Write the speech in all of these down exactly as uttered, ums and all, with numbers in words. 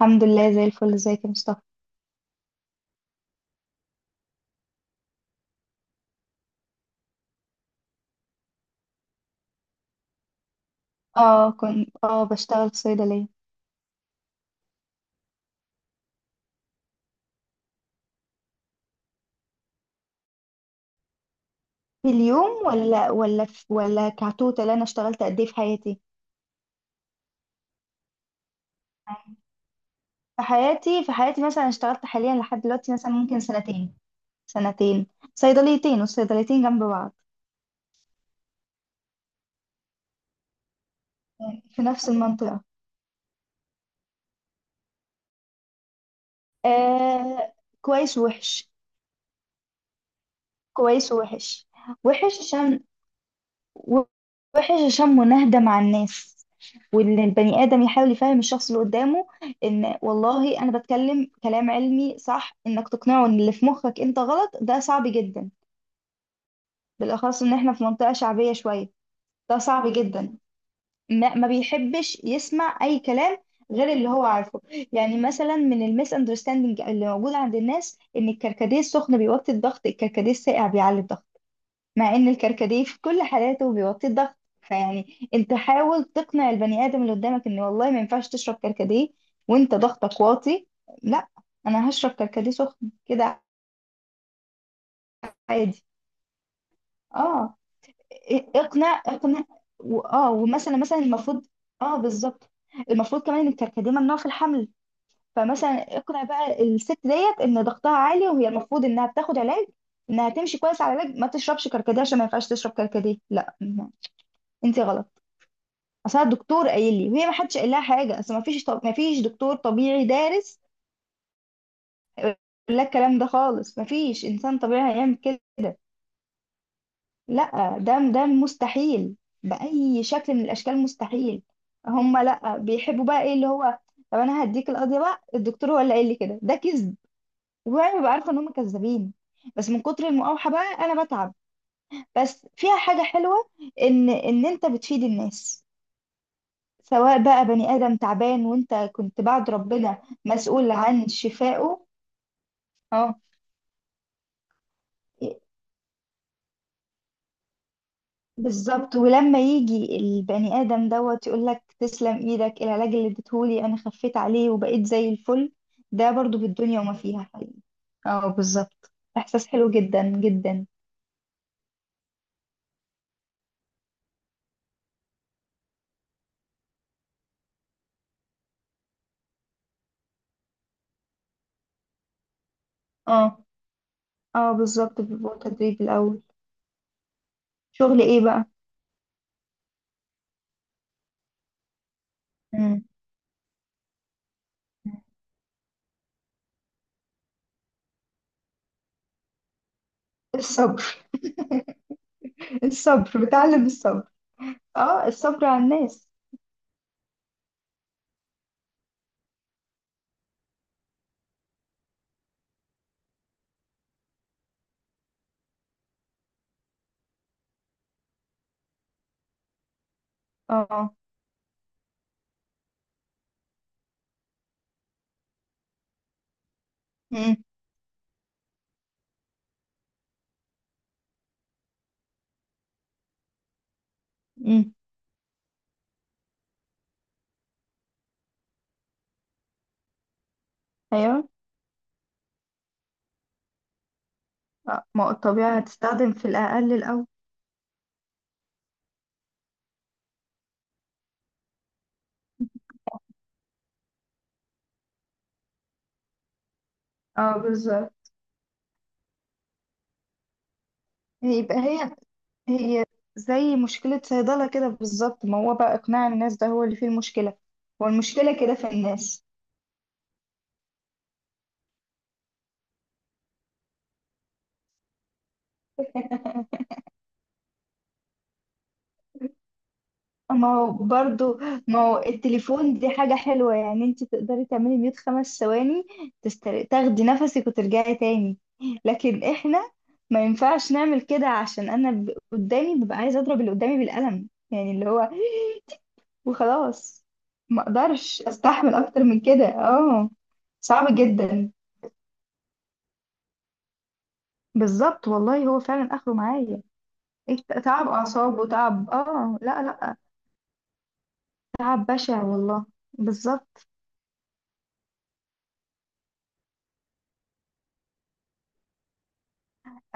الحمد لله زي الفل. ازيك يا مصطفى؟ اه، كنت اه بشتغل في صيدلية. في اليوم، ولا ولا في ولا كتوتال؟ انا اشتغلت قد ايه في حياتي في حياتي في حياتي مثلا اشتغلت حاليا لحد دلوقتي، مثلا ممكن سنتين. سنتين، صيدليتين، والصيدليتين جنب بعض في نفس المنطقة. آه، كويس ووحش، كويس ووحش. وحش عشان وحش عشان مناهدة مع الناس، وان البني ادم يحاول يفهم الشخص اللي قدامه. ان والله انا بتكلم كلام علمي صح، انك تقنعه ان اللي في مخك انت غلط ده صعب جدا. بالاخص ان احنا في منطقة شعبية شوية، ده صعب جدا. ما, ما بيحبش يسمع اي كلام غير اللي هو عارفه. يعني مثلا من الميس اندرستاندينج اللي موجود عند الناس، ان الكركديه السخن بيوطي الضغط، الكركديه الساقع بيعلي الضغط، مع ان الكركديه في كل حالاته بيوطي الضغط. فيعني انت حاول تقنع البني ادم اللي قدامك ان والله ما ينفعش تشرب كركديه وانت ضغطك واطي. لا، انا هشرب كركديه سخن كده عادي. اه، إ- اقنع اقنع. و- اه ومثلا مثلا المفروض. اه بالظبط، المفروض كمان ان الكركديه ممنوع في الحمل. فمثلا اقنع بقى الست ديت ان ضغطها عالي وهي المفروض انها بتاخد علاج، انها تمشي كويس على علاج ما تشربش كركديه، عشان ما ينفعش تشرب كركديه. لا، انت غلط، اصل أنا الدكتور قايل لي، وهي ما حدش قال لها حاجه، اصل ما فيش طب... ما فيش دكتور طبيعي دارس هيقول لك الكلام ده خالص. ما فيش انسان طبيعي هيعمل كده. لا، ده ده مستحيل، باي شكل من الاشكال مستحيل. هم لا بيحبوا بقى ايه اللي هو، طب انا هديك القضيه بقى، الدكتور هو اللي قال لي كده، ده كذب. وانا ببقى عارفه ان هم كذابين، بس من كتر المقاوحه بقى انا بتعب. بس فيها حاجه حلوه، ان ان انت بتفيد الناس، سواء بقى بني آدم تعبان وانت كنت بعد ربنا مسؤول عن شفائه. اه، بالظبط. ولما يجي البني آدم دوت يقول لك تسلم ايدك، العلاج اللي اديتهولي انا خفيت عليه وبقيت زي الفل. ده برضو بالدنيا وما فيها حقيقي. اه، بالظبط، احساس حلو جدا جدا. اه. اه بالظبط، بيبقى تدريب الاول. شغل ايه بقى؟ مم. الصبر. الصبر، بتعلم الصبر. اه، الصبر على الناس. اه. امم. امم. ايوه. آه، ما هو الطبيعة هتستخدم في الأقل الأول. اه بالظبط. يبقى هي، هي زي مشكلة صيدلة كده بالظبط، ما هو بقى إقناع الناس ده هو اللي فيه المشكلة. هو المشكلة كده في الناس. ما هو برضو ما هو التليفون دي حاجة حلوة، يعني انت تقدري تعملي ميوت خمس ثواني، تستر... تاخدي نفسك وترجعي تاني. لكن احنا ما ينفعش نعمل كده، عشان انا ب- قدامي ببقى عايزة اضرب اللي قدامي بالقلم، يعني اللي هو، وخلاص، ما اقدرش استحمل اكتر من كده. اه، صعب جدا. بالظبط، والله هو فعلا اخره معايا. إيه تعب اعصاب وتعب، اه لا لا، تعب بشع والله. بالظبط.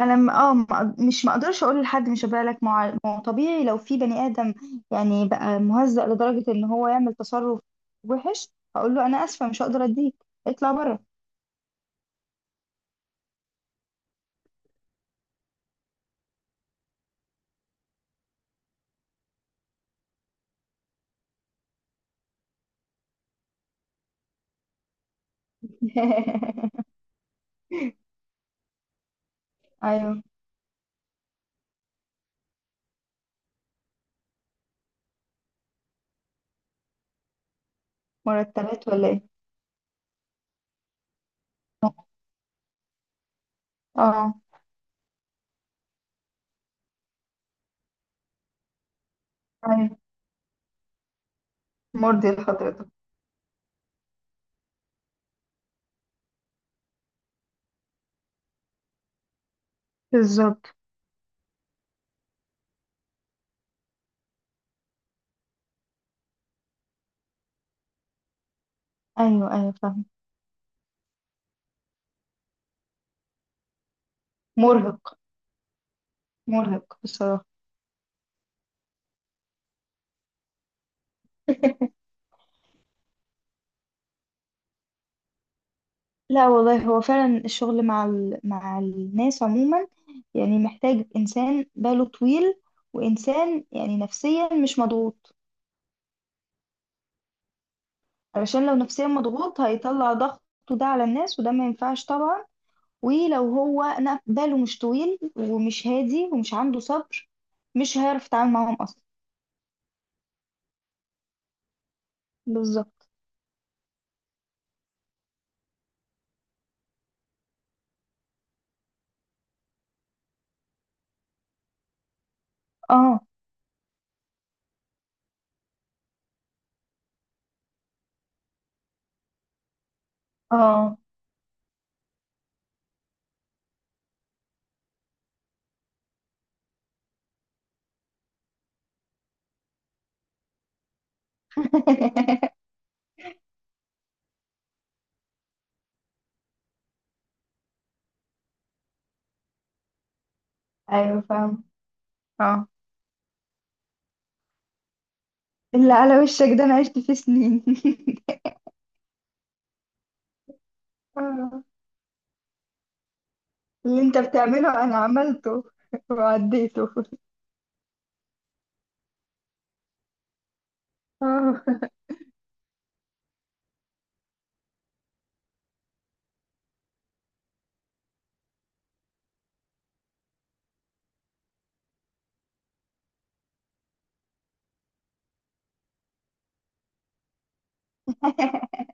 انا م... اه ما- مش ما اقدرش اقول لحد، مش بالك مع ما هو طبيعي لو في بني ادم يعني بقى مهزأ لدرجة ان هو يعمل تصرف وحش، هقول له انا اسفة مش هقدر اديك، اطلع بره. ايوه. مرتبات ولا ايه؟ اه. ايوه، مرضي لحضرتك. بالظبط. ايوه، ايوه فاهم. مرهق. مرهق بصراحة. لا والله هو فعلا الشغل مع ال... مع الناس عموما، يعني محتاج انسان باله طويل، وانسان يعني نفسيا مش مضغوط. علشان لو نفسيا مضغوط هيطلع ضغطه ده على الناس، وده ما ينفعش طبعا. ولو هو ن- باله مش طويل ومش هادي ومش عنده صبر مش هيعرف يتعامل معاهم اصلا. بالظبط. اه. اه. ايوه فاهم. اللي على وشك ده انا عشت فيه سنين. آه. اللي انت بتعمله انا عملته وعديته. آه.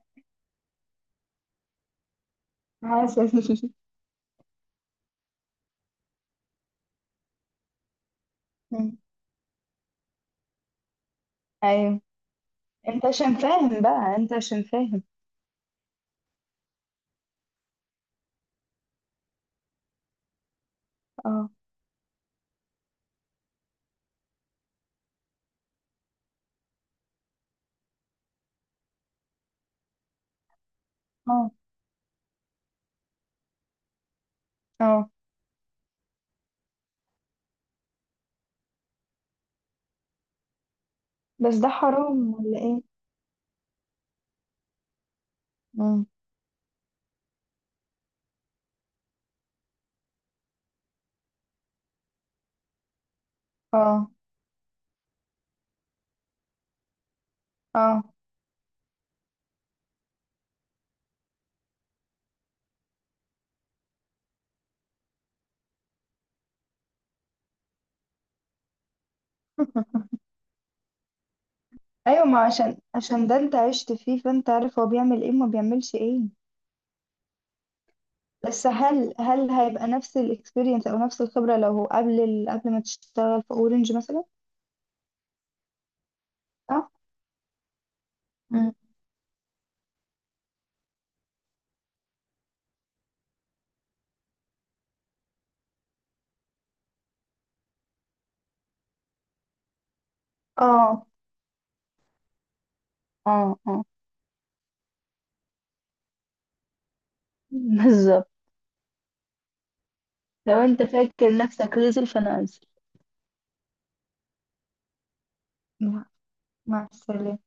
حاسس. ايوه، انت عشان فاهم بقى، انت عشان فاهم. اه. آه. اه. بس ده حرام ولا ايه؟ مم. اه. اه. ايوه، ما عشان عشان ده انت عشت فيه فانت عارف هو بيعمل ايه وما بيعملش ايه. بس هل هل هيبقى نفس الاكسبيرينس او نفس الخبرة لو هو قبل ال... قبل ما تشتغل في اورنج مثلا. اه. اه. اه. اه بالظبط. لو انت فاكر نفسك رزل فانا انزل. مع مع السلامة.